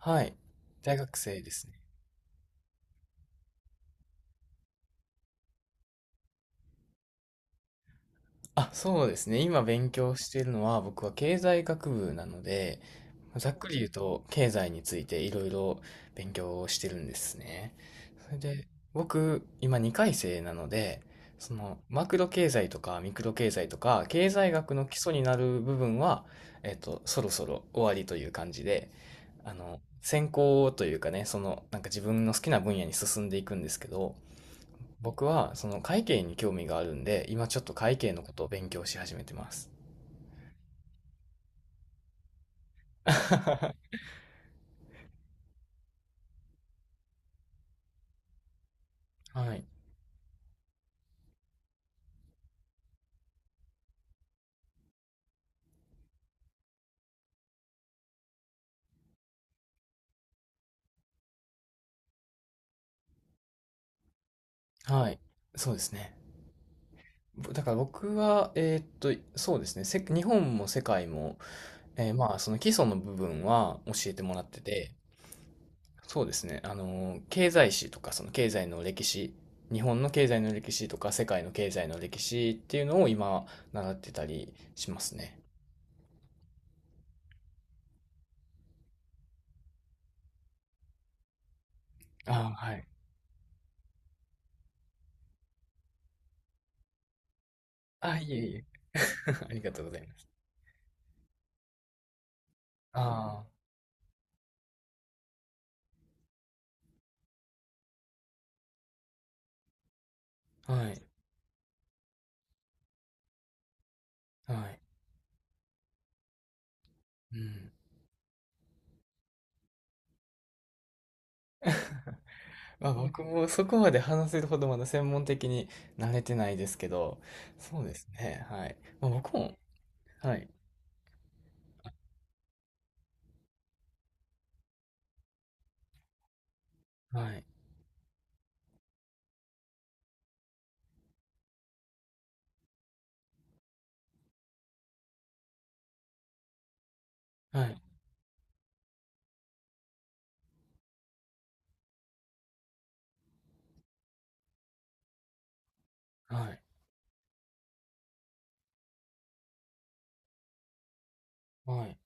はい。大学生ですね。あ、そうですね。今勉強しているのは、僕は経済学部なので、ざっくり言うと、経済についていろいろ勉強をしてるんですね。それで、僕、今2回生なので、その、マクロ経済とかミクロ経済とか、経済学の基礎になる部分は、そろそろ終わりという感じで、あの、専攻というかね、その、なんか自分の好きな分野に進んでいくんですけど、僕はその会計に興味があるんで、今ちょっと会計のことを勉強し始めてます。はい。はい。そうですね。だから僕は、そうですね。日本も世界も、まあ、その基礎の部分は教えてもらってて、そうですね。経済史とか、その経済の歴史、日本の経済の歴史とか、世界の経済の歴史っていうのを今、習ってたりしますね。ああ、はい。あ、いえいえ。ありがとうございます。ああ、はい。はい。うん。まあ僕もそこまで話せるほどまだ専門的に慣れてないですけど、そうですね。はい。まあ僕も、はい。はい。はい。はい。はい。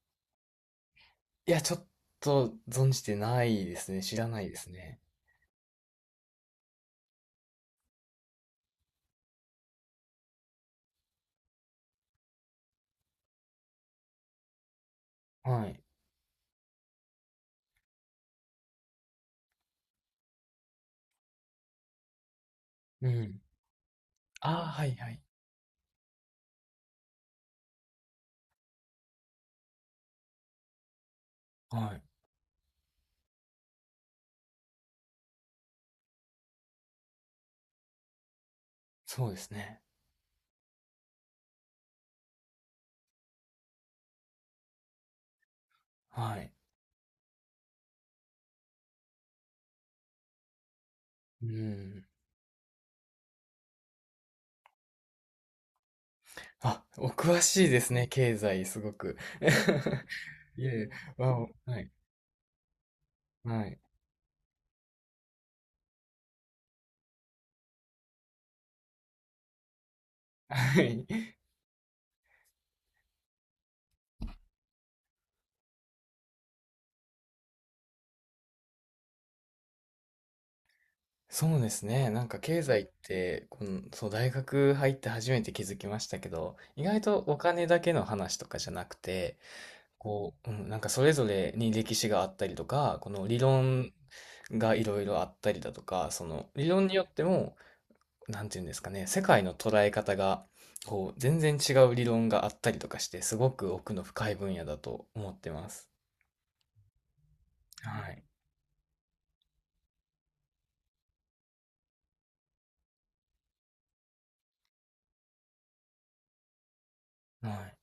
いや、ちょっと存じてないですね。知らないですね。はい。うん。ああ、はいはい。はい。そうですね。はい。うん。あ、お詳しいですね。経済、すごく。いえいえ、わお。はい。はい。はい。そうですね。なんか経済って、この、そう、大学入って初めて気づきましたけど、意外とお金だけの話とかじゃなくて、こう、うん、なんかそれぞれに歴史があったりとか、この理論がいろいろあったりだとか、その理論によっても、なんていうんですかね、世界の捉え方が、こう、全然違う理論があったりとかして、すごく奥の深い分野だと思ってます。はい。は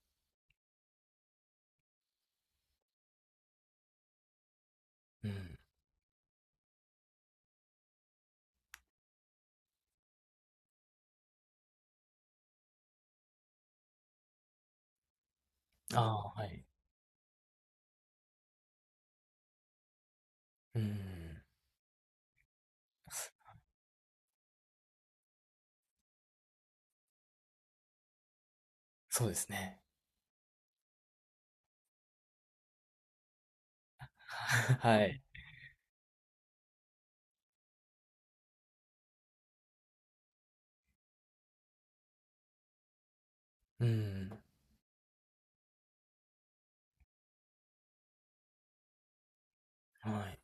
い。うん。ああ、はい。うん。そうですね。はい。うん。はい。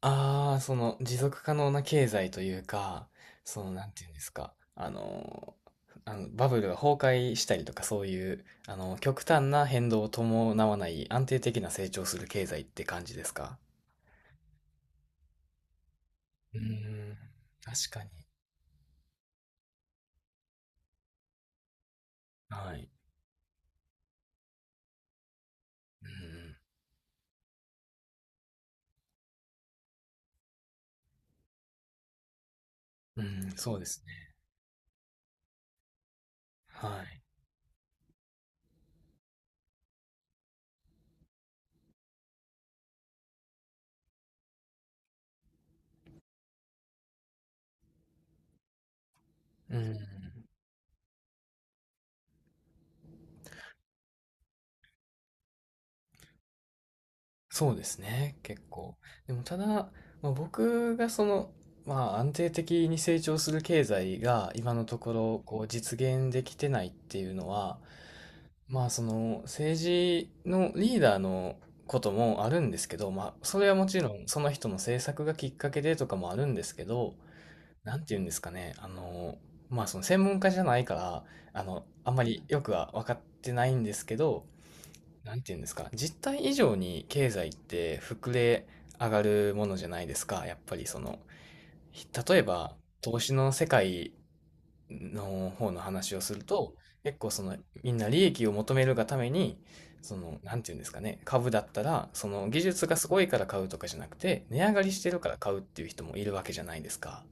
ああ、その持続可能な経済というか、その、なんていうんですか、あの、あのバブルが崩壊したりとか、そういう、あの、極端な変動を伴わない安定的な成長する経済って感じですか？うーん、確かに。はい。うん、うん、そうですね。はい。うん。そうですね、結構。でもただ、まあ、僕がその、まあ安定的に成長する経済が今のところこう実現できてないっていうのは、まあその政治のリーダーのこともあるんですけど、まあそれはもちろんその人の政策がきっかけでとかもあるんですけど、なんて言うんですかね、あの、まあその専門家じゃないから、あの、あんまりよくは分かってないんですけど、なんて言うんですか、実態以上に経済って膨れ上がるものじゃないですか。やっぱりその、例えば投資の世界の方の話をすると、結構そのみんな利益を求めるがために、その、なんて言うんですかね、株だったら、その技術がすごいから買うとかじゃなくて、値上がりしてるから買うっていう人もいるわけじゃないですか。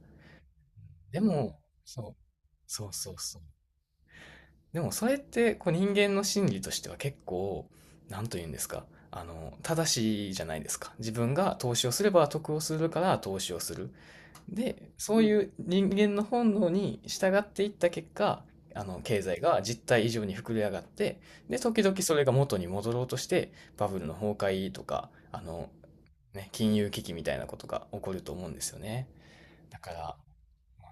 でも、そう、そうそうそう。でもそれってこう人間の心理としては結構何と言うんですか、あの正しいじゃないですか。自分が投資をすれば得をするから投資をする。でそういう人間の本能に従っていった結果、あの経済が実態以上に膨れ上がって、で時々それが元に戻ろうとして、バブルの崩壊とかあの、ね、金融危機みたいなことが起こると思うんですよね。だからま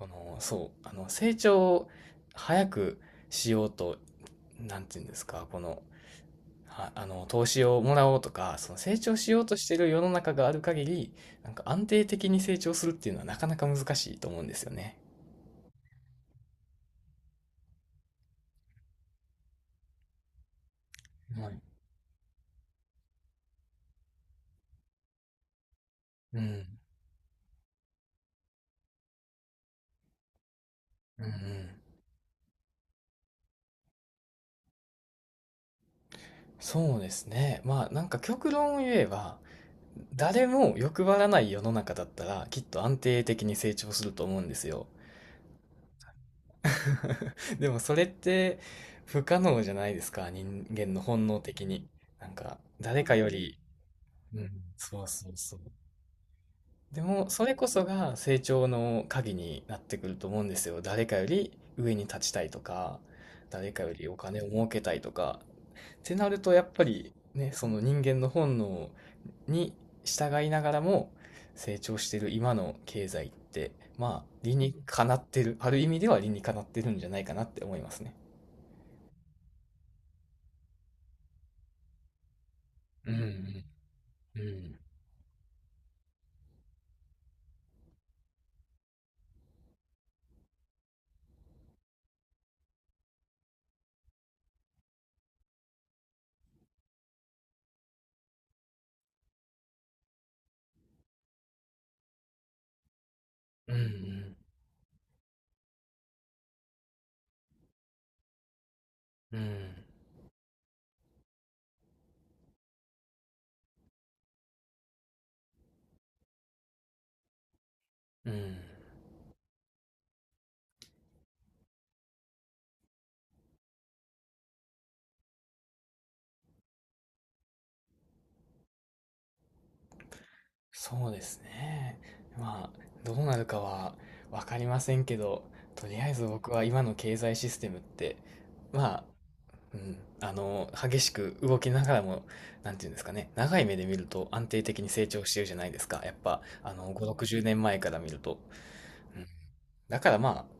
あの、そう、あの、成長を早くしようと、なんていうんですか、この、あの、投資をもらおうとか、その成長しようとしている世の中がある限り、なんか安定的に成長するっていうのはなかなか難しいと思うんですよね。はい。うん。うんうん。そうですね。まあ、なんか極論を言えば、誰も欲張らない世の中だったら、きっと安定的に成長すると思うんですよ。でもそれって不可能じゃないですか、人間の本能的に。なんか、誰かより、うん、そうそうそう。でも、それこそが成長の鍵になってくると思うんですよ。誰かより上に立ちたいとか、誰かよりお金を儲けたいとか。ってなると、やっぱりね、その人間の本能に従いながらも成長してる今の経済って、まあ、理にかなってる、ある意味では理にかなってるんじゃないかなって思いますね。うん、うん、うん、うん、うん、うん。そうですね。まあ、どうなるかはわかりませんけど、とりあえず僕は今の経済システムって、まあ、うん、あの、激しく動きながらも、なんていうんですかね、長い目で見ると安定的に成長してるじゃないですか。やっぱ、あの、5、60年前から見ると。うん、だからまあ、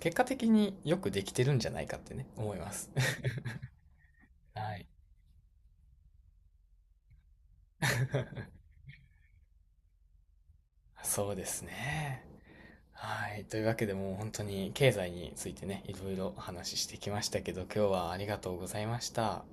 結果的によくできてるんじゃないかってね、思います。はい。そうですね。はい。というわけでもう本当に経済についてね、いろいろお話ししてきましたけど、今日はありがとうございました。